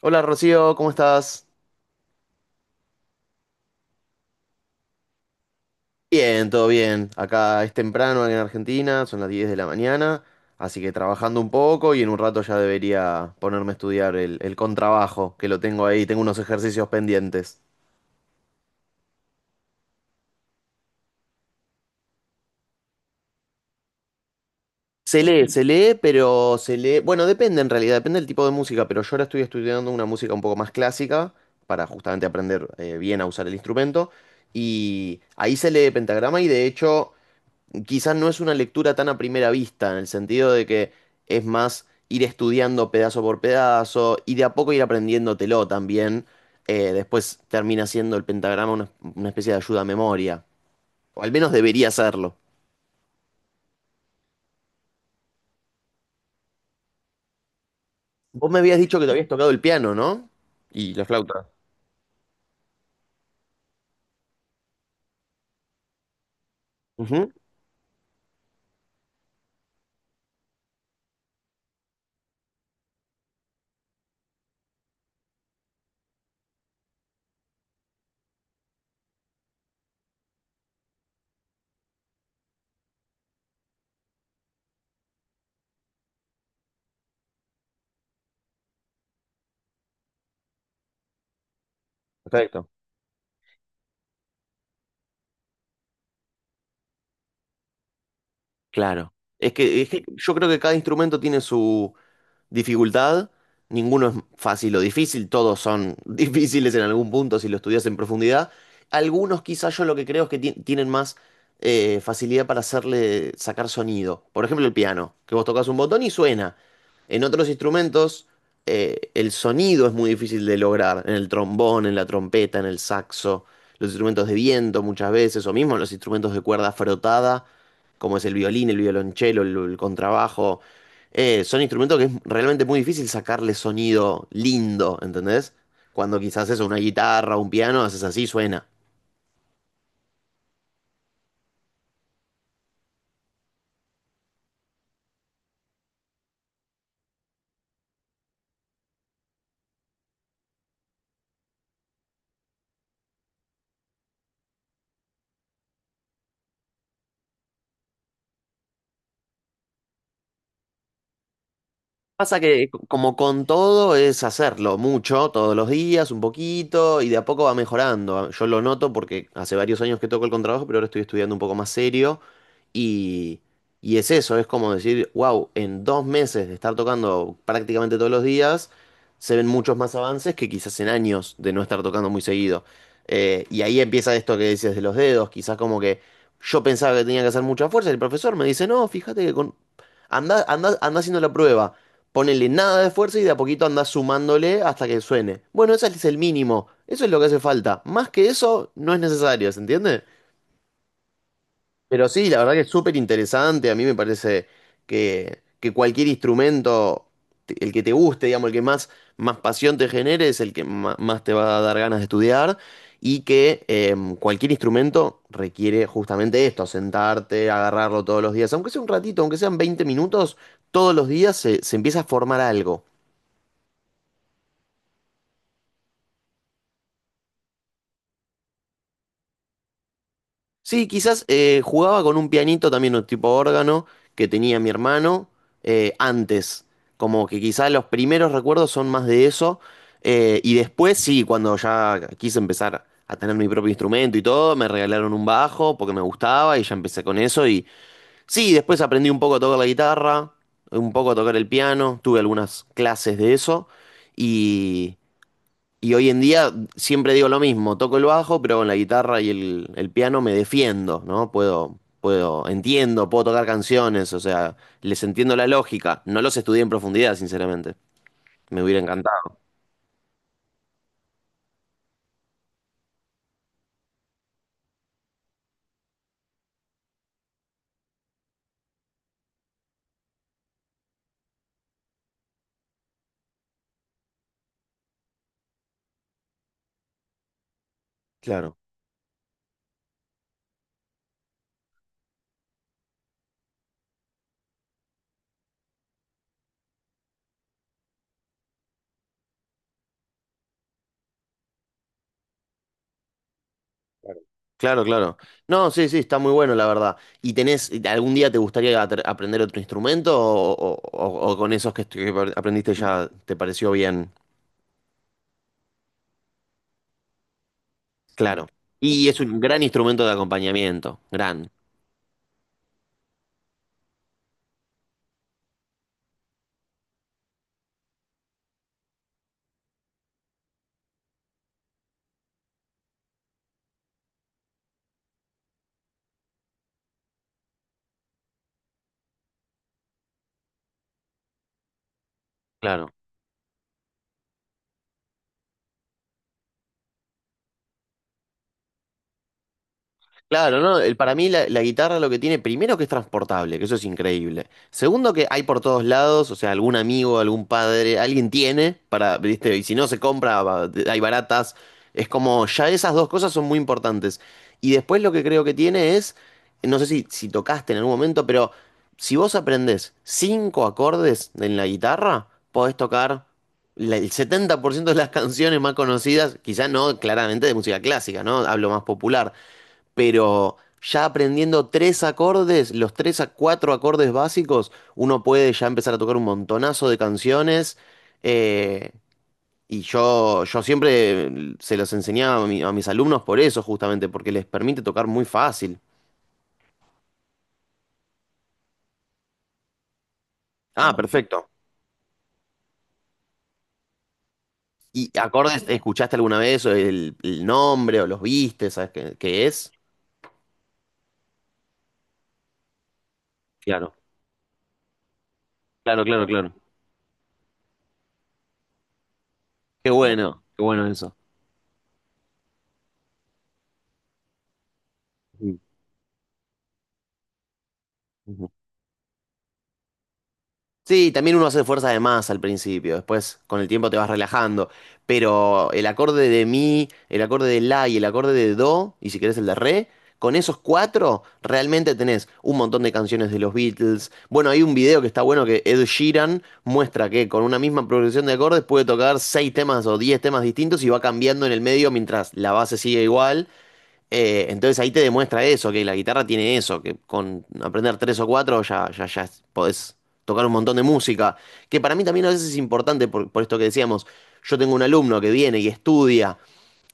Hola Rocío, ¿cómo estás? Bien, todo bien. Acá es temprano en Argentina, son las 10 de la mañana, así que trabajando un poco y en un rato ya debería ponerme a estudiar el contrabajo, que lo tengo ahí, tengo unos ejercicios pendientes. Se lee, pero se lee, bueno, depende en realidad, depende del tipo de música, pero yo ahora estoy estudiando una música un poco más clásica para justamente aprender bien a usar el instrumento y ahí se lee pentagrama y de hecho quizás no es una lectura tan a primera vista, en el sentido de que es más ir estudiando pedazo por pedazo y de a poco ir aprendiéndotelo también. Después termina siendo el pentagrama una especie de ayuda a memoria, o al menos debería serlo. Vos me habías dicho que te habías tocado el piano, ¿no? Y la flauta. Ujú, perfecto. Claro. Es que yo creo que cada instrumento tiene su dificultad, ninguno es fácil o difícil, todos son difíciles en algún punto si lo estudias en profundidad. Algunos quizás yo lo que creo es que tienen más facilidad para hacerle sacar sonido. Por ejemplo, el piano, que vos tocas un botón y suena. En otros instrumentos el sonido es muy difícil de lograr, en el trombón, en la trompeta, en el saxo, los instrumentos de viento muchas veces, o mismo los instrumentos de cuerda frotada, como es el violín, el violonchelo, el contrabajo, son instrumentos que es realmente muy difícil sacarle sonido lindo, ¿entendés? Cuando quizás es una guitarra o un piano, haces así, suena. Pasa que como con todo es hacerlo mucho, todos los días, un poquito, y de a poco va mejorando. Ah, yo lo noto porque hace varios años que toco el contrabajo, pero ahora estoy estudiando un poco más serio. Y, y es eso, es como decir, wow, en 2 meses de estar tocando prácticamente todos los días, se ven muchos más avances que quizás en años de no estar tocando muy seguido. Y ahí empieza esto que dices de los dedos, quizás como que yo pensaba que tenía que hacer mucha fuerza, y el profesor me dice, no, fíjate que con... Anda, anda, anda haciendo la prueba. Ponele nada de esfuerzo y de a poquito andás sumándole hasta que suene. Bueno, ese es el mínimo. Eso es lo que hace falta. Más que eso, no es necesario, ¿se entiende? Pero sí, la verdad que es súper interesante. A mí me parece que cualquier instrumento, el que te guste, digamos, el que más, más pasión te genere, es el que más te va a dar ganas de estudiar. Y que cualquier instrumento requiere justamente esto, sentarte, agarrarlo todos los días. Aunque sea un ratito, aunque sean 20 minutos, todos los días se empieza a formar algo. Sí, quizás jugaba con un pianito también, un tipo órgano, que tenía mi hermano, antes. Como que quizás los primeros recuerdos son más de eso. Y después, sí, cuando ya quise empezar a tener mi propio instrumento y todo, me regalaron un bajo porque me gustaba y ya empecé con eso. Y sí, después aprendí un poco a tocar la guitarra, un poco a tocar el piano, tuve algunas clases de eso. Y. Y hoy en día siempre digo lo mismo, toco el bajo, pero con la guitarra y el piano me defiendo, ¿no? Entiendo, puedo tocar canciones, o sea, les entiendo la lógica. No los estudié en profundidad, sinceramente. Me hubiera encantado. Claro, claro, claro. No, sí, sí, está muy bueno, la verdad. ¿Y tenés, algún día te gustaría aprender otro instrumento o, o con esos que, que aprendiste ya te pareció bien? Claro. Y es un gran instrumento de acompañamiento, gran. Claro. Claro, no, para mí la guitarra lo que tiene, primero que es transportable, que eso es increíble. Segundo que hay por todos lados, o sea, algún amigo, algún padre, alguien tiene para, viste, y si no se compra, hay baratas. Es como, ya esas dos cosas son muy importantes. Y después lo que creo que tiene es, no sé si tocaste en algún momento, pero si vos aprendés cinco acordes en la guitarra, podés tocar el 70% de las canciones más conocidas, quizás no claramente de música clásica, ¿no? Hablo más popular, pero ya aprendiendo tres acordes, los tres a cuatro acordes básicos, uno puede ya empezar a tocar un montonazo de canciones. eh, y yo siempre se los enseñaba a, a mis alumnos por eso, justamente, porque les permite tocar muy fácil. Ah, ah, perfecto. ¿Y acordes, escuchaste alguna vez o el nombre o los viste? ¿Sabes qué es? Claro, claro, claro, claro. Qué claro. Bueno, qué bueno eso. Mm. Sí, también uno hace fuerza de más al principio, después con el tiempo te vas relajando, pero el acorde de mi, el acorde de la y el acorde de do, y si querés el de re, con esos cuatro realmente tenés un montón de canciones de los Beatles. Bueno, hay un video que está bueno que Ed Sheeran muestra que con una misma progresión de acordes puede tocar seis temas o 10 temas distintos y va cambiando en el medio mientras la base sigue igual. Entonces ahí te demuestra eso, que la guitarra tiene eso, que con aprender tres o cuatro ya, ya, ya podés tocar un montón de música, que para mí también a veces es importante por esto que decíamos, yo tengo un alumno que viene y estudia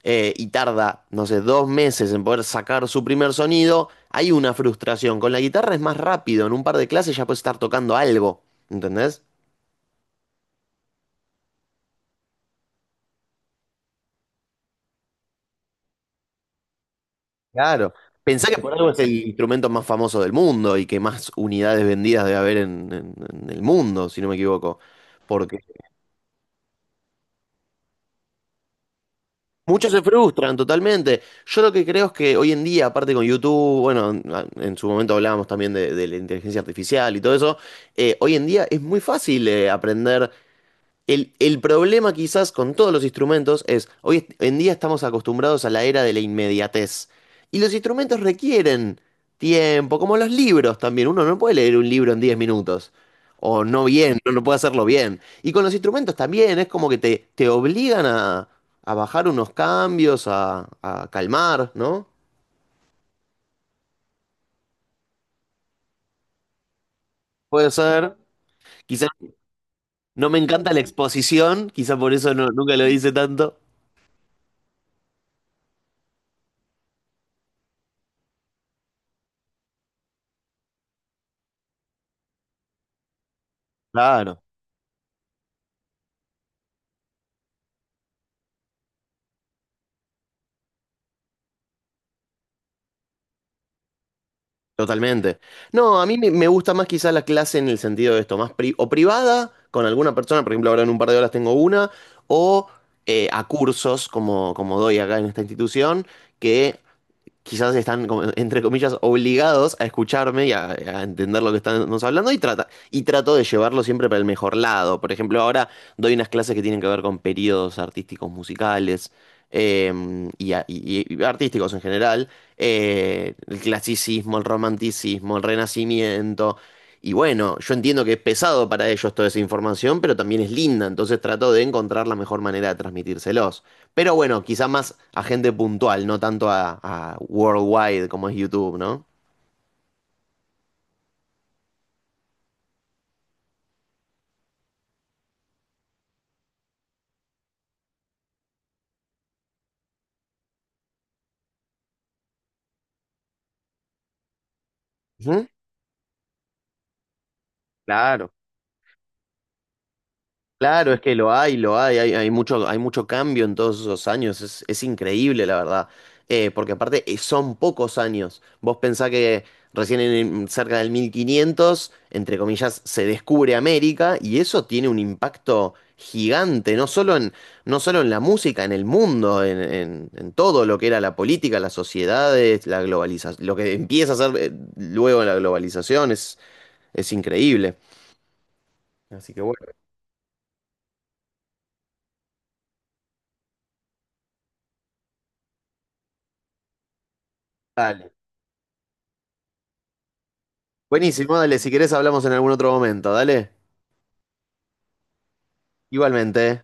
y tarda, no sé, 2 meses en poder sacar su primer sonido, hay una frustración, con la guitarra es más rápido, en un par de clases ya puedes estar tocando algo, ¿entendés? Claro. Pensá que por algo es el instrumento más famoso del mundo y que más unidades vendidas debe haber en, en el mundo, si no me equivoco. Porque muchos se frustran totalmente. Yo lo que creo es que hoy en día, aparte con YouTube, bueno, en su momento hablábamos también de la inteligencia artificial y todo eso, hoy en día es muy fácil aprender. El problema quizás con todos los instrumentos es, hoy en día estamos acostumbrados a la era de la inmediatez. Y los instrumentos requieren tiempo, como los libros también. Uno no puede leer un libro en 10 minutos. O no bien, no, no puede hacerlo bien. Y con los instrumentos también, es como que te obligan a bajar unos cambios, a calmar, ¿no? Puede ser. Quizás no me encanta la exposición, quizás por eso nunca lo hice tanto. Claro. Totalmente. No, a mí me gusta más quizás la clase en el sentido de esto, más o privada con alguna persona, por ejemplo, ahora en un par de horas tengo una, o a cursos como, como doy acá en esta institución, que quizás están, como, entre comillas, obligados a escucharme y a entender lo que estamos hablando y, y trato de llevarlo siempre para el mejor lado. Por ejemplo, ahora doy unas clases que tienen que ver con periodos artísticos musicales eh, y, y artísticos en general, el clasicismo, el romanticismo, el renacimiento. Y bueno, yo entiendo que es pesado para ellos toda esa información, pero también es linda, entonces trato de encontrar la mejor manera de transmitírselos. Pero bueno, quizá más a gente puntual, no tanto a worldwide como es YouTube, ¿no? Ujú. Claro. Claro, es que lo hay, hay, hay mucho cambio en todos esos años, es increíble la verdad. Porque aparte son pocos años, vos pensás que recién en, cerca del 1500, entre comillas, se descubre América y eso tiene un impacto gigante, no solo en, no solo en la música, en el mundo, en, en todo lo que era la política, las sociedades, la globalización, lo que empieza a ser luego la globalización es increíble. Así que bueno, dale. Buenísimo, dale, si querés hablamos en algún otro momento, dale. Igualmente.